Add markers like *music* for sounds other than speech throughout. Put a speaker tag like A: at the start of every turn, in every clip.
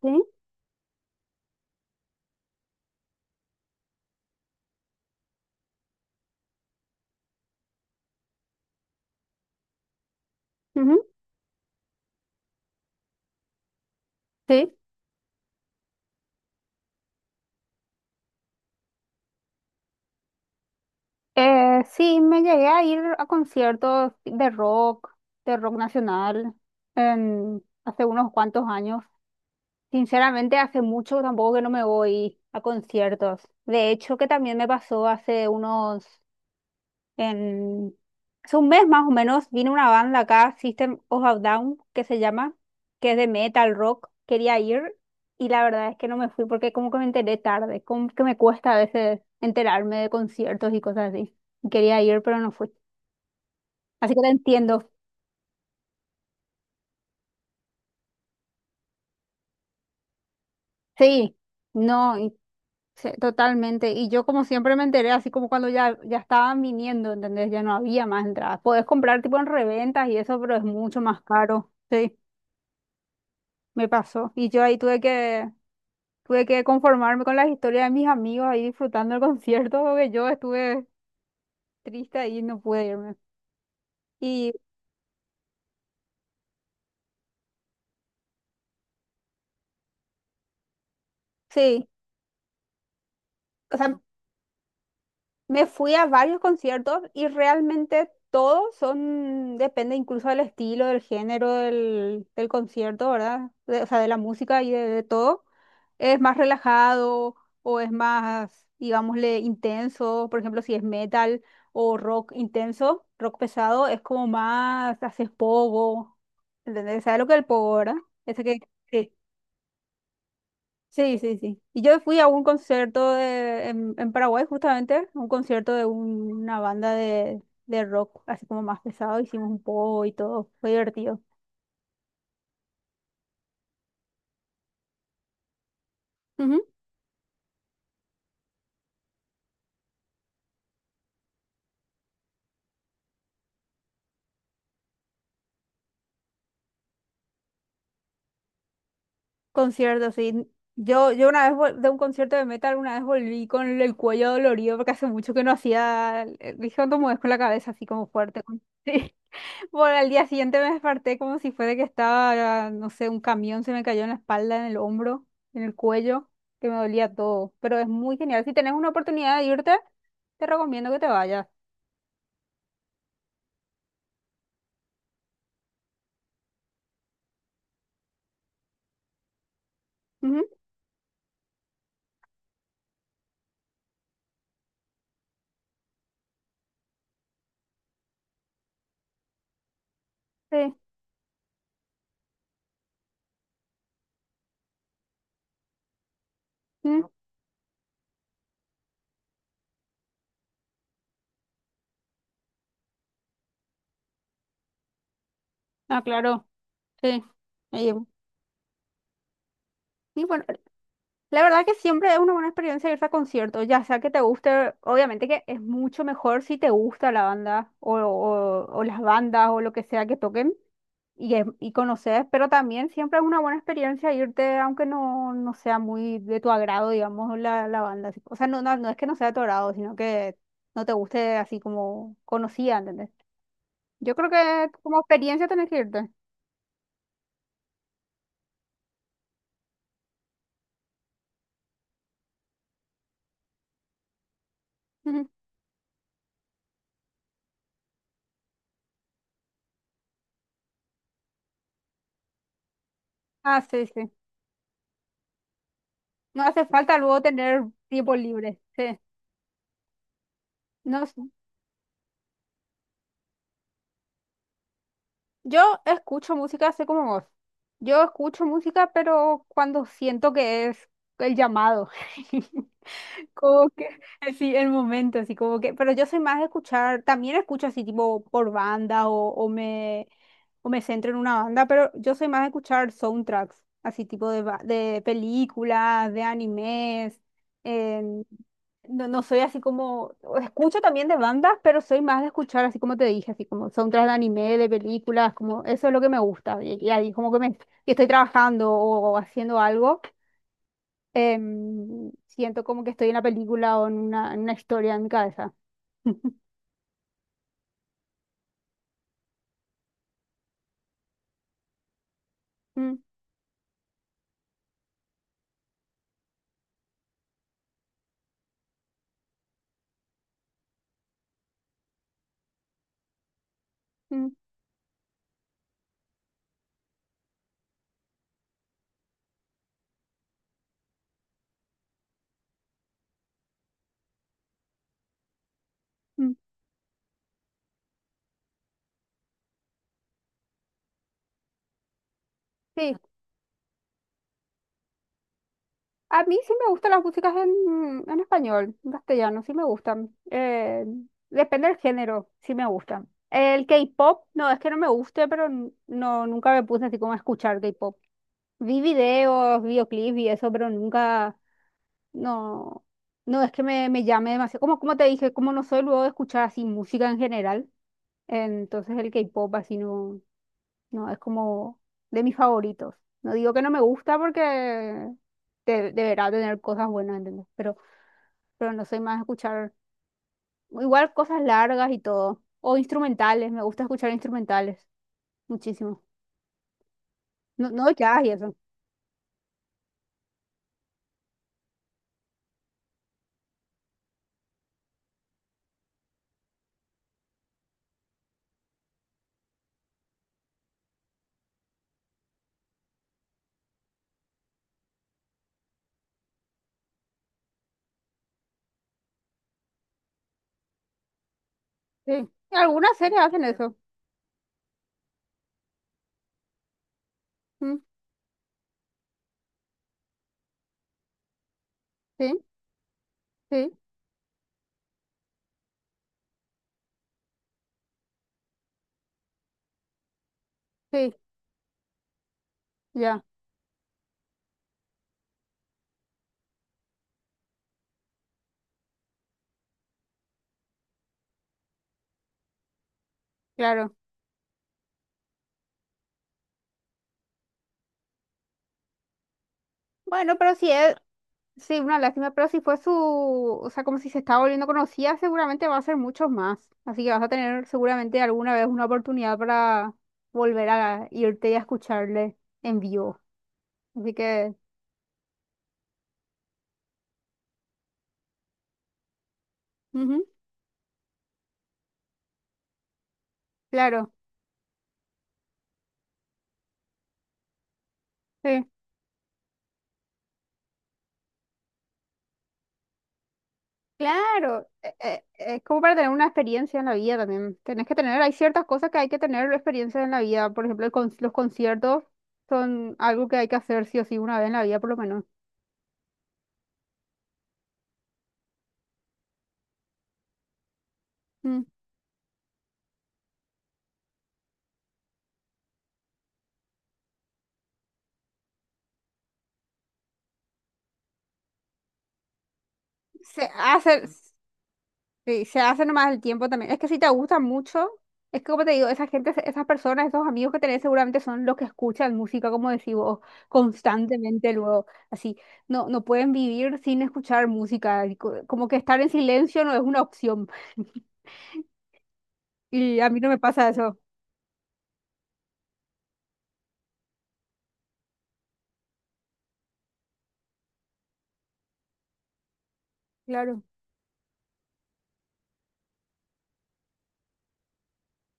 A: Sí, ujú, sí. Sí, me llegué a ir a conciertos de rock nacional, hace unos cuantos años. Sinceramente, hace mucho tampoco que no me voy a conciertos. De hecho, que también me pasó En, hace un mes más o menos vino una banda acá, System of a Down, que se llama, que es de metal rock. Quería ir y la verdad es que no me fui porque como que me enteré tarde, como que me cuesta a veces enterarme de conciertos y cosas así. Y quería ir, pero no fui. Así que te entiendo. Sí, no, y- sí, totalmente. Y yo como siempre me enteré, así como cuando ya estaban viniendo, ¿entendés? Ya no había más entradas. Podés comprar tipo en reventas y eso, pero es mucho más caro. Sí. Me pasó. Y yo ahí tuve que conformarme con las historias de mis amigos ahí disfrutando el *laughs* concierto, porque yo estuve triste ahí y no pude irme. Y sí, o sea, me fui a varios conciertos y realmente todos son, depende incluso del estilo, del género del concierto, ¿verdad? O sea, de la música y de todo. Es más relajado o es más, digámosle, intenso. Por ejemplo, si es metal o rock intenso, rock pesado, es como más, haces pogo. ¿Entendés? ¿Sabes lo que es el pogo, verdad? Ese que, sí. Sí, sí, sí. Y yo fui a un concierto de, en Paraguay justamente, un concierto de una banda de rock, así como más pesado, hicimos un poco y todo, fue divertido. Ujú. Concierto, sí. Yo una vez de un concierto de metal, una vez volví con el cuello dolorido porque hace mucho que no hacía, dije, ¿cuánto mueves con la cabeza así como fuerte? *laughs* Sí. Por al día siguiente me desperté como si fuera que estaba, no sé, un camión se me cayó en la espalda, en el hombro, en el cuello, que me dolía todo. Pero es muy genial. Si tenés una oportunidad de irte, te recomiendo que te vayas. Ujú, sí. Mm, ah, claro. Sí. Y, y bueno, la verdad que siempre es una buena experiencia irse a conciertos, ya sea que te guste, obviamente que es mucho mejor si te gusta la banda o, o las bandas o lo que sea que toquen. Y, y conoces, pero también siempre es una buena experiencia irte, aunque no, no sea muy de tu agrado, digamos, la banda. Así. O sea, no es que no sea de tu agrado, sino que no te guste así como conocida, ¿entendés? Yo creo que como experiencia tenés que irte. Ujú. Ah, sí, sí. No hace falta luego tener tiempo libre. Sí. No, sé. Yo escucho música así como vos. Yo escucho música, pero cuando siento que es el llamado. *laughs* Como que, sí, el momento, así como que, pero yo soy más de escuchar, también escucho así tipo por banda o, o me centro en una banda, pero yo soy más de escuchar soundtracks, así tipo de, de películas, de animes, en- no, no soy así como, o escucho también de bandas, pero soy más de escuchar así como te dije, así como soundtracks de anime, de películas, como eso es lo que me gusta, y ahí como que que estoy trabajando o haciendo algo siento como que estoy en la película o en una historia en mi cabeza. *laughs* Mm, mm, mm. Sí, a mí sí me gustan las músicas en español, en castellano, sí me gustan. Depende del género, sí me gustan. El K-pop, no, es que no me guste, pero no, nunca me puse así como a escuchar K-pop. Vi videos, videoclips y eso, pero nunca, no, no es que me llame demasiado. Como, como te dije, como no soy luego de escuchar así música en general. Entonces el K-pop así no, no es como de mis favoritos. No digo que no me gusta porque deberá tener cosas buenas, ¿entendés? Pero no soy más de escuchar igual cosas largas y todo. O instrumentales, me gusta escuchar instrumentales muchísimo. No, no jazz y eso. Sí. Algunas series hacen eso. Mm, sí, sí, sí, ya, claro. Bueno, pero sí, sí, una lástima, pero si fue su, o sea, como si se estaba volviendo conocida, seguramente va a ser muchos más. Así que vas a tener seguramente alguna vez una oportunidad para volver a irte y a escucharle en vivo. Así que, ujú, claro, sí, claro. Es como para tener una experiencia en la vida también. Tenés que tener, hay ciertas cosas que hay que tener experiencia en la vida. Por ejemplo, los conciertos son algo que hay que hacer sí o sí una vez en la vida, por lo menos. Mm. Se hace. Sí, se hace nomás el tiempo también. Es que si te gusta mucho, es que como te digo, esa gente, esas personas, esos amigos que tenés seguramente son los que escuchan música, como decís vos, constantemente luego. Así, no, no pueden vivir sin escuchar música. Y como que estar en silencio no es una opción. *laughs* Y a mí no me pasa eso. Claro.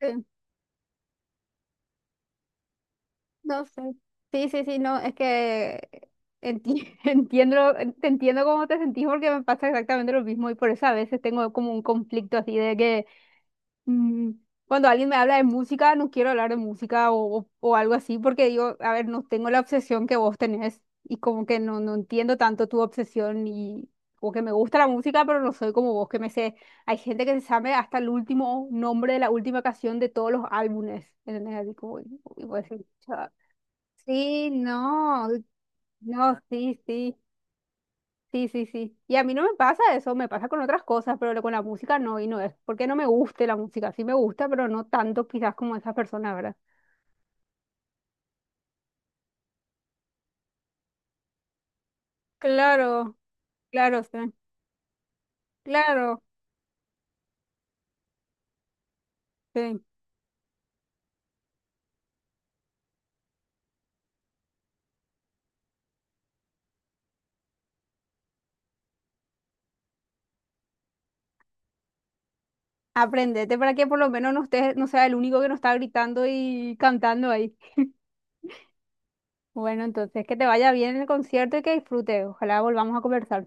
A: Sí, no sé. Sí, sí, sí, no, es que *laughs* entiendo, te entiendo cómo te sentís porque me pasa exactamente lo mismo y por eso a veces tengo como un conflicto así de que Mm, cuando alguien me habla de música, no quiero hablar de música o, o algo así, porque digo, a ver, no tengo la obsesión que vos tenés y como que no, no entiendo tanto tu obsesión y como que me gusta la música, pero no soy como vos que me sé. Hay gente que se sabe hasta el último nombre de la última canción de todos los álbumes. ¿Entendés? Así como, y vos decís, "Cha- sí, no, no, sí, sí. Sí, sí, sí. Y a mí no me pasa eso, me pasa con otras cosas, pero con la música no, y no es porque no me guste la música, sí me gusta, pero no tanto quizás como esas personas, ¿verdad? Claro, claro, sí, claro, sí. Aprendete para que por lo menos no estés, no sea el único que no está gritando y cantando ahí. Bueno, entonces que te vaya bien en el concierto y que disfrutes. Ojalá volvamos a conversar.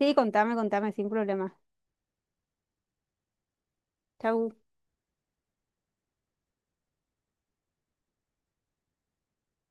A: Sí, contame, contame, sin problema. Chau.